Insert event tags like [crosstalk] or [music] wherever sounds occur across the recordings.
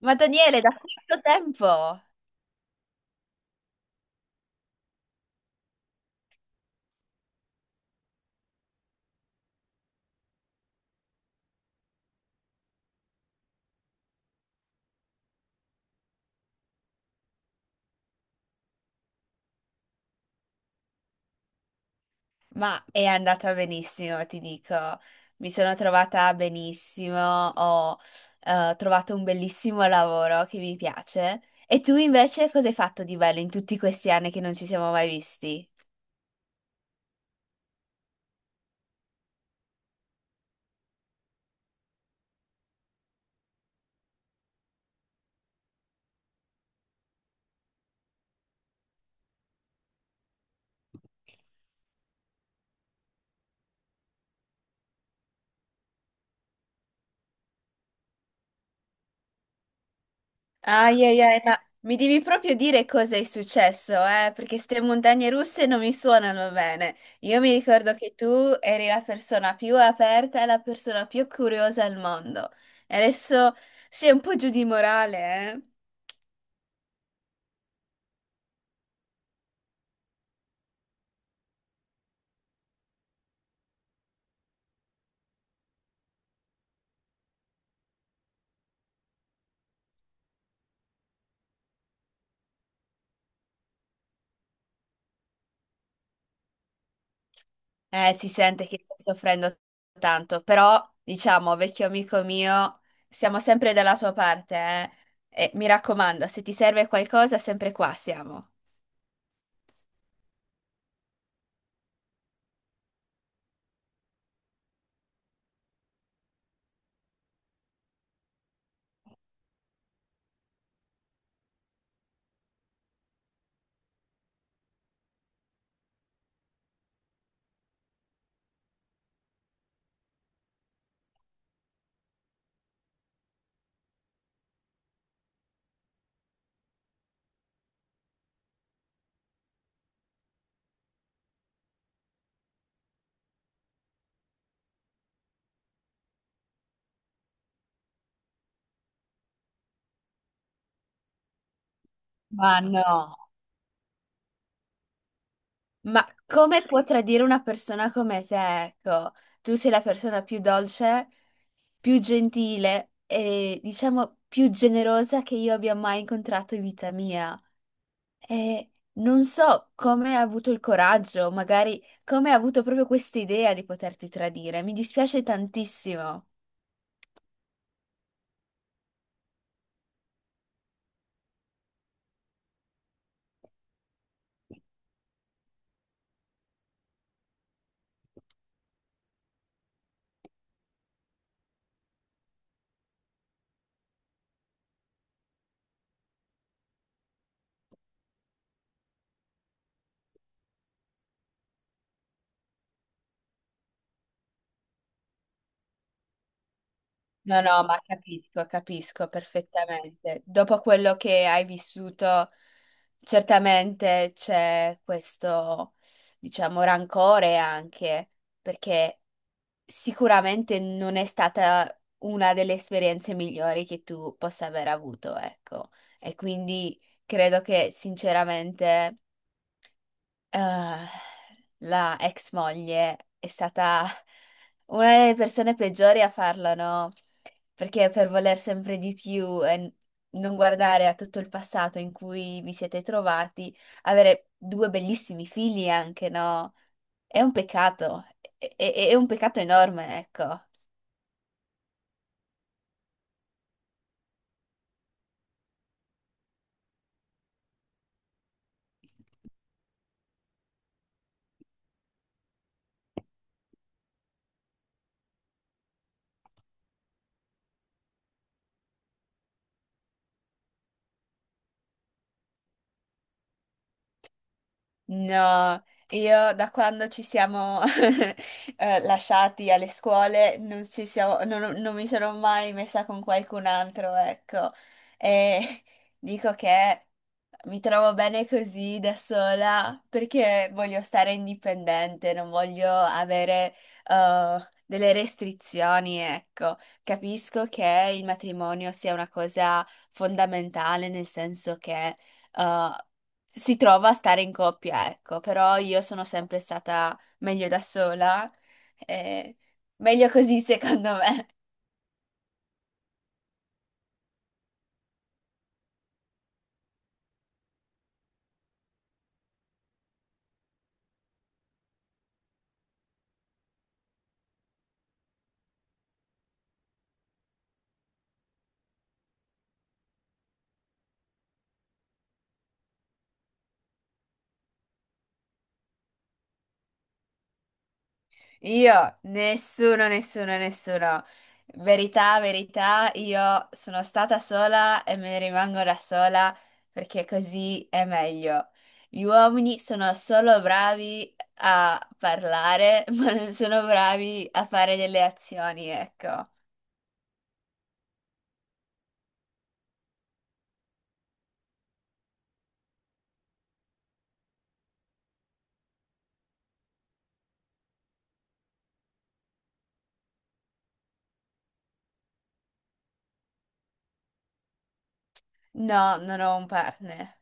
Ma Daniele, da quanto tempo? Ma è andata benissimo, ti dico. Mi sono trovata benissimo, ho trovato un bellissimo lavoro che mi piace. E tu invece cosa hai fatto di bello in tutti questi anni che non ci siamo mai visti? Ai ai ai, ma mi devi proprio dire cosa è successo, eh? Perché queste montagne russe non mi suonano bene. Io mi ricordo che tu eri la persona più aperta e la persona più curiosa al mondo. E adesso sei un po' giù di morale, eh? Si sente che stai soffrendo tanto, però, diciamo, vecchio amico mio, siamo sempre dalla tua parte, eh? E mi raccomando, se ti serve qualcosa, sempre qua siamo. Ma no. Ma come può tradire una persona come te? Ecco, tu sei la persona più dolce, più gentile e diciamo più generosa che io abbia mai incontrato in vita mia. E non so come ha avuto il coraggio, magari come ha avuto proprio questa idea di poterti tradire. Mi dispiace tantissimo. No, no, ma capisco, capisco perfettamente. Dopo quello che hai vissuto, certamente c'è questo, diciamo, rancore anche, perché sicuramente non è stata una delle esperienze migliori che tu possa aver avuto, ecco. E quindi credo che sinceramente eh, la ex moglie è stata una delle persone peggiori a farlo, no? Perché per voler sempre di più e non guardare a tutto il passato in cui vi siete trovati, avere due bellissimi figli anche, no? È un peccato, è un peccato enorme, ecco. No, io da quando ci siamo [laughs] lasciati alle scuole non, ci siamo- non- non mi sono mai messa con qualcun altro, ecco. E [laughs] dico che mi trovo bene così da sola perché voglio stare indipendente, non voglio avere delle restrizioni, ecco. Capisco che il matrimonio sia una cosa fondamentale, nel senso che eh, si trova a stare in coppia, ecco, però io sono sempre stata meglio da sola, eh, meglio così secondo me. [laughs] Io, nessuno, nessuno, nessuno. Verità, verità, io sono stata sola e me ne rimango da sola perché così è meglio. Gli uomini sono solo bravi a parlare, [laughs] ma non sono bravi a fare delle azioni, ecco. No, non ho un partner.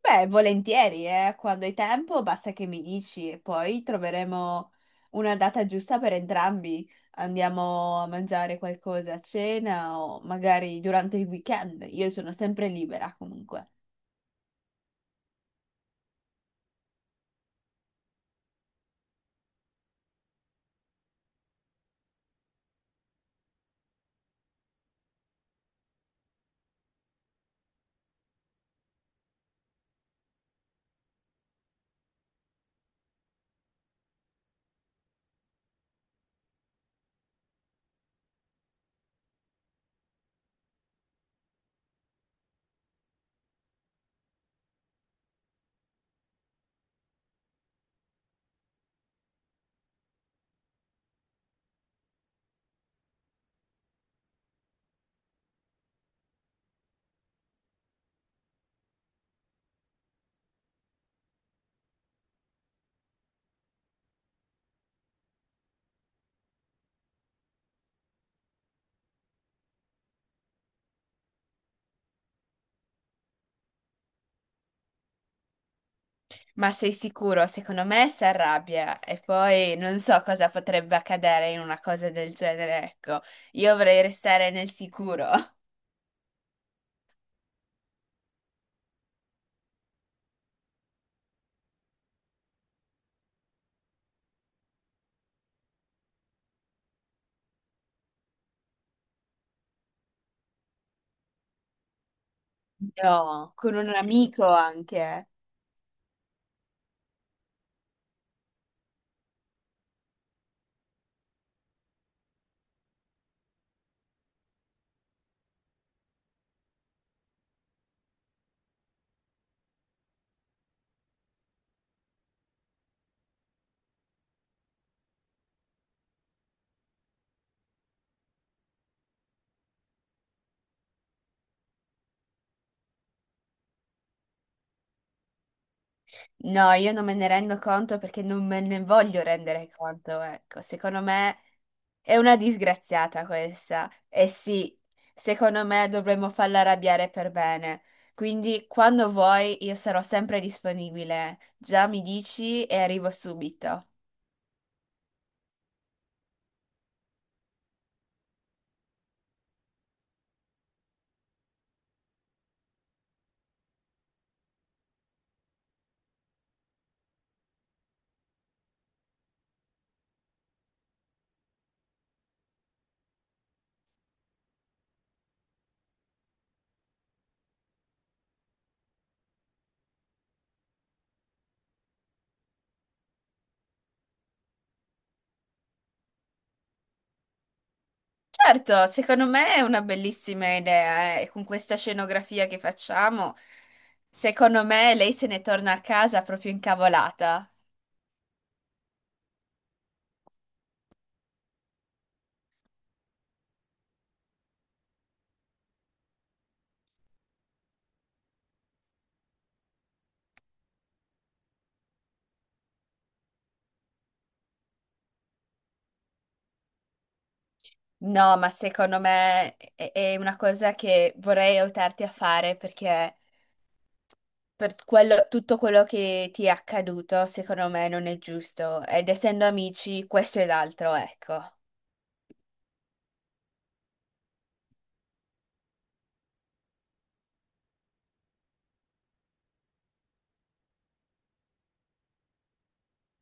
Beh, volentieri, eh. Quando hai tempo basta che mi dici e poi troveremo una data giusta per entrambi. Andiamo a mangiare qualcosa a cena o magari durante il weekend. Io sono sempre libera comunque. Ma sei sicuro? Secondo me si arrabbia e poi non so cosa potrebbe accadere in una cosa del genere, ecco. Io vorrei restare nel sicuro. [laughs] No, con un amico anche. No, io non me ne rendo conto perché non me ne voglio rendere conto, ecco. Secondo me è una disgraziata questa. E sì, secondo me dovremmo farla arrabbiare per bene. Quindi quando vuoi io sarò sempre disponibile. Già mi dici e arrivo subito. Certo, secondo me è una bellissima idea, eh. E con questa scenografia che facciamo, secondo me lei se ne torna a casa proprio incavolata. No, ma secondo me è una cosa che vorrei aiutarti a fare perché tutto quello che ti è accaduto, secondo me non è giusto. Ed essendo amici, questo ed altro, ecco.